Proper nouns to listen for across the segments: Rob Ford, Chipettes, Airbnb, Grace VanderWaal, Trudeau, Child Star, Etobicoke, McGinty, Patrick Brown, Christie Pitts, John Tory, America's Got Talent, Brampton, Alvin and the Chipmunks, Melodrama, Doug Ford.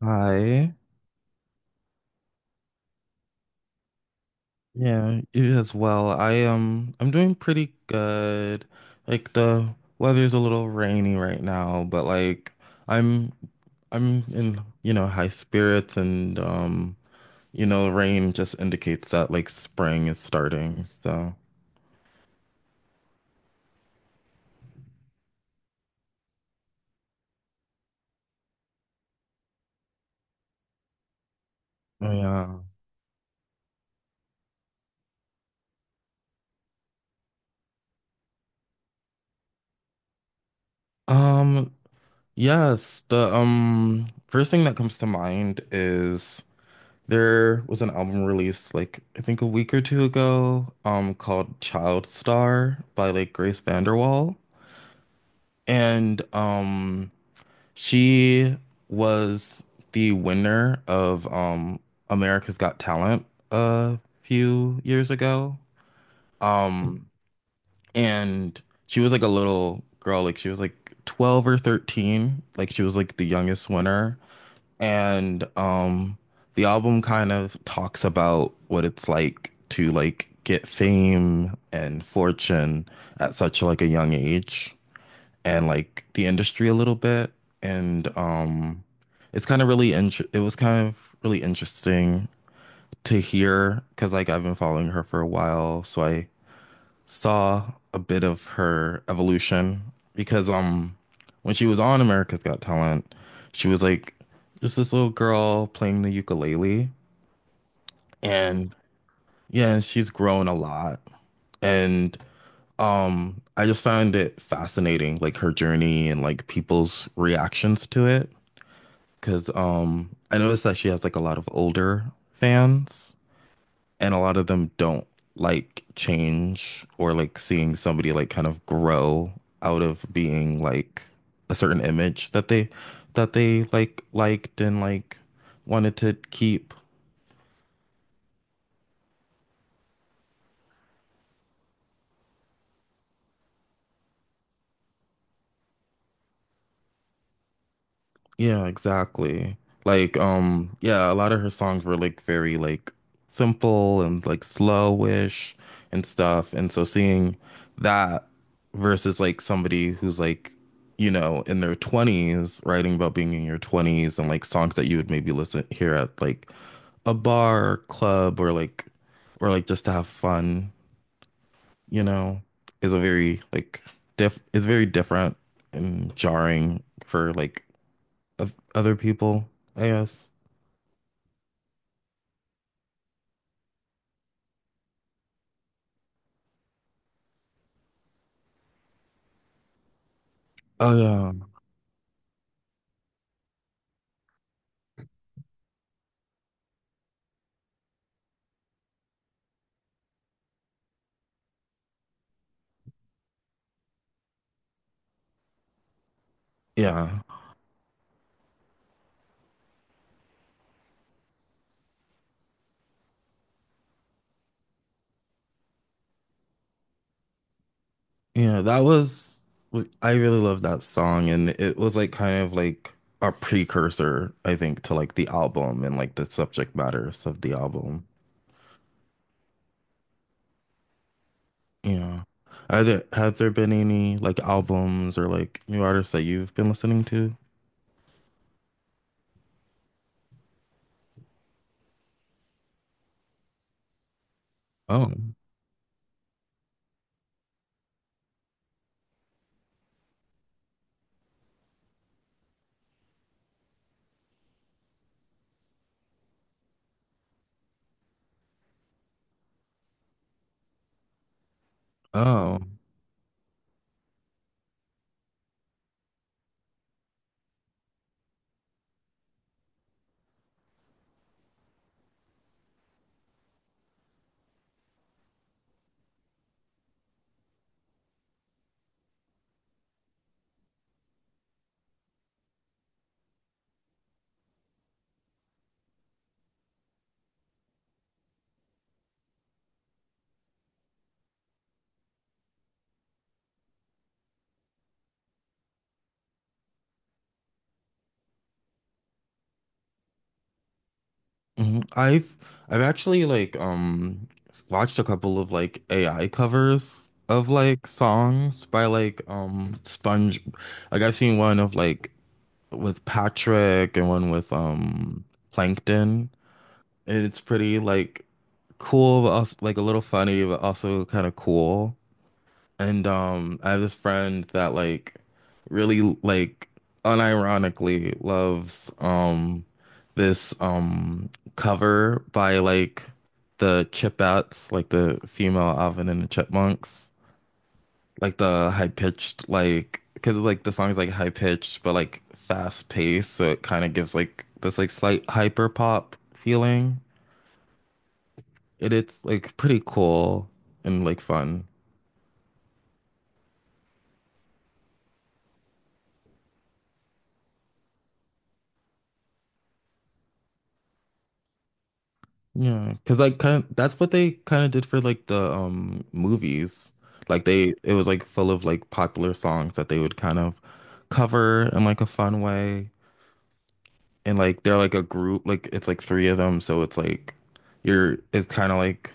Hi. Yeah, you as well. I'm doing pretty good. Like the weather's a little rainy right now, but I'm I'm in high spirits and rain just indicates that like spring is starting. So, oh, yeah. Um, yes, the first thing that comes to mind is there was an album released like I think a week or two ago, called Child Star by like Grace VanderWaal. And she was the winner of America's Got Talent a few years ago. Um and she was like a little girl, like she was like 12 or 13, like she was like the youngest winner. And the album kind of talks about what it's like to like get fame and fortune at such like a young age and like the industry a little bit and it's kind of really int it was kind of really interesting to hear because like I've been following her for a while, so I saw a bit of her evolution because when she was on America's Got Talent, she was like just this little girl playing the ukulele and yeah, she's grown a lot and I just found it fascinating like her journey and like people's reactions to it because I noticed that she has like a lot of older fans and a lot of them don't like change or like seeing somebody like kind of grow out of being like a certain image that they like liked and like wanted to keep. Yeah, exactly. Like, yeah, a lot of her songs were like very like simple and like slowish and stuff. And so seeing that versus like somebody who's like, you know, in their 20s, writing about being in your 20s and like songs that you would maybe listen hear at like a bar or club, or like just to have fun, you know, is a very like diff is very different and jarring for like of other people, I guess. Oh yeah. Yeah. Yeah, that was I really love that song, and it was like kind of like a precursor, I think, to like the album and like the subject matters of the album. Yeah. Are there have there been any like albums or like new artists that you've been listening to? Oh. Oh. Hmm, I've actually like watched a couple of like AI covers of like songs by like Sponge like I've seen one of like with Patrick and one with Plankton, and it's pretty like cool but also like a little funny but also kind of cool. And I have this friend that like really like unironically loves this cover by like the Chipettes, like the female Alvin and the Chipmunks, like the high pitched, like because like the song's like high pitched but like fast paced, so it kind of gives like this like slight hyper pop feeling. It's like pretty cool and like fun. Yeah, because like kind of, that's what they kind of did for like the movies. Like they it was like full of like popular songs that they would kind of cover in like a fun way. And like they're like a group, like it's like three of them, so it's like you're it's kind of like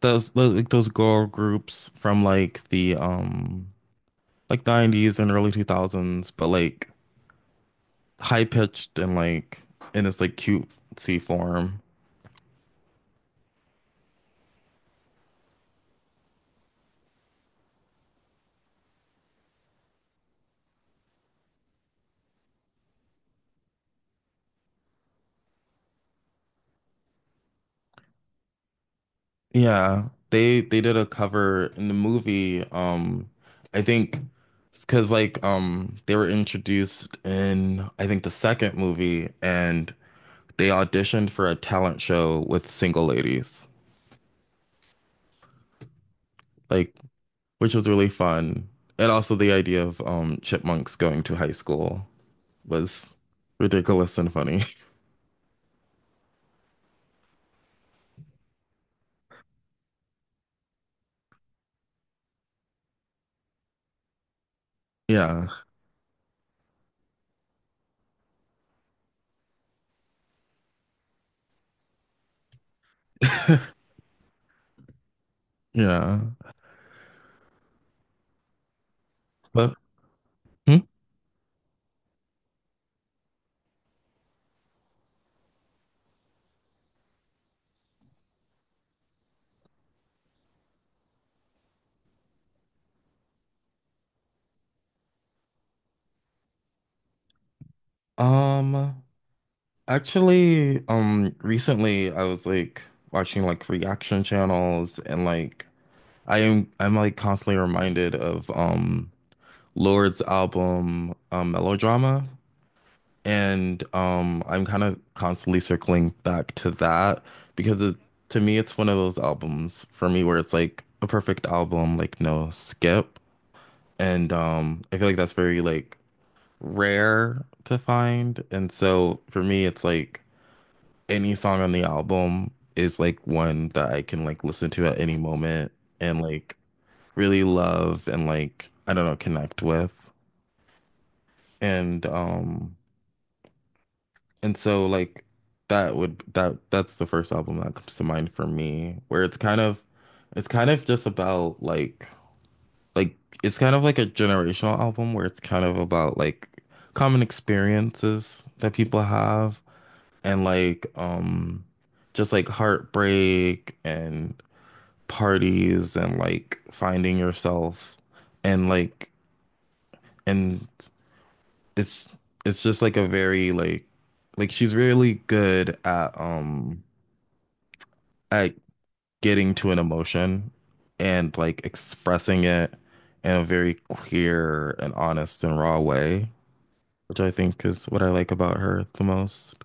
those girl groups from like the 90s and early 2000s, but like high pitched and like in this like cute C form. Yeah, they did a cover in the movie. I think because like they were introduced in I think the second movie, and they auditioned for a talent show with single ladies, like, which was really fun. And also the idea of chipmunks going to high school was ridiculous and funny. Yeah, yeah, but hmm? Um. Actually, recently I was like watching like reaction channels, and like I'm like constantly reminded of Lord's album, Melodrama, and I'm kind of constantly circling back to that because it, to me, it's one of those albums for me where it's like a perfect album, like no skip, and I feel like that's very like rare to find, and so for me it's like any song on the album is like one that I can like listen to at any moment, and like really love, and like, I don't know, connect with. And um and so like that would that's the first album that comes to mind for me, where it's kind of just about like it's kind of like a generational album where it's kind of about like common experiences that people have, and like just like heartbreak and parties and like finding yourself, and like and it's it's just like a very like she's really good at at getting to an emotion and like expressing it in a very clear and honest and raw way, which I think is what I like about her the most.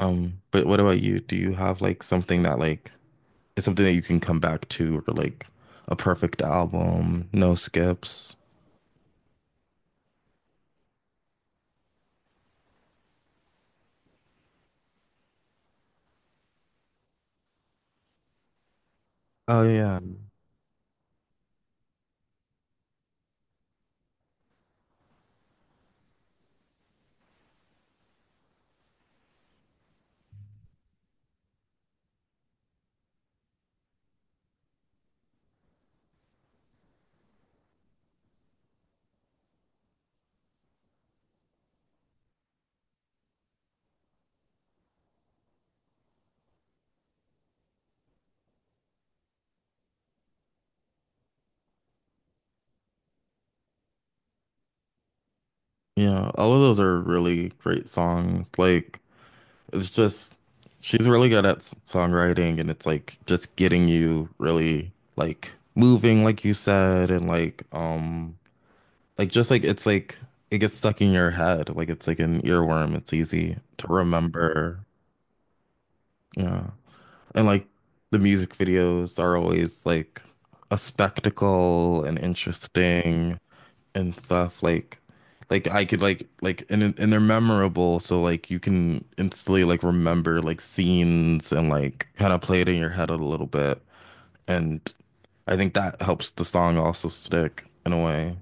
But what about you? Do you have like something that like is something that you can come back to, or like a perfect album, no skips? Oh yeah, yeah. All of those are really great songs. Like it's just she's really good at songwriting, and it's like just getting you really like moving, like you said, and like just like it's like it gets stuck in your head, like it's like an earworm. It's easy to remember. Yeah, and like the music videos are always like a spectacle and interesting and stuff like I could like and they're memorable, so like you can instantly like remember like scenes and like kind of play it in your head a little bit, and I think that helps the song also stick in a way.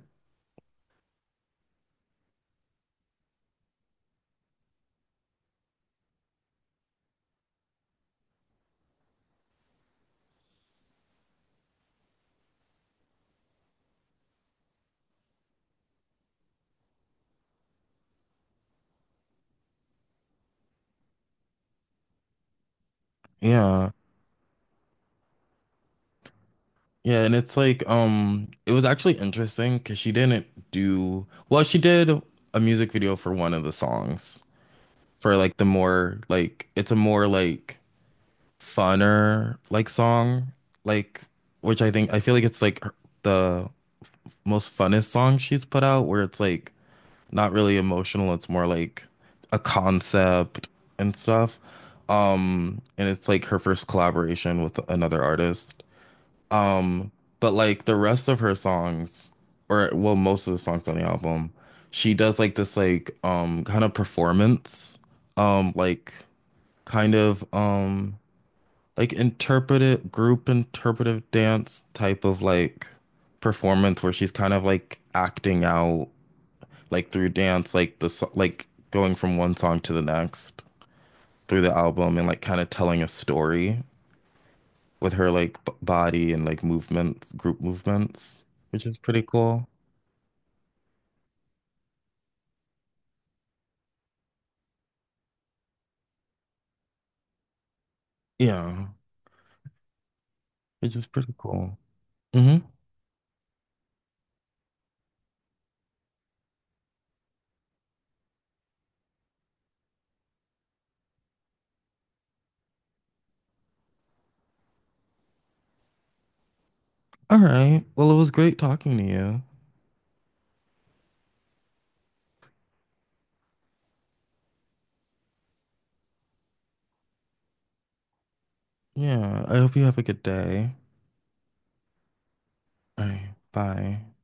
Yeah. Yeah, and it's like it was actually interesting because she didn't do well, she did a music video for one of the songs for like the more like, it's a more like funner like song, like which I think I feel like it's like the most funnest song she's put out, where it's like not really emotional, it's more like a concept and stuff. And it's like her first collaboration with another artist. Um, but like the rest of her songs, or well, most of the songs on the album, she does like this like kind of performance, like kind of like interpretive dance type of like performance, where she's kind of like acting out like through dance like the so like going from one song to the next through the album and like kind of telling a story with her like b body and like movements, which is pretty cool. yeah which is pretty cool hmm all right, well, it was great talking to you. Yeah, I hope you have a good day. All right, bye.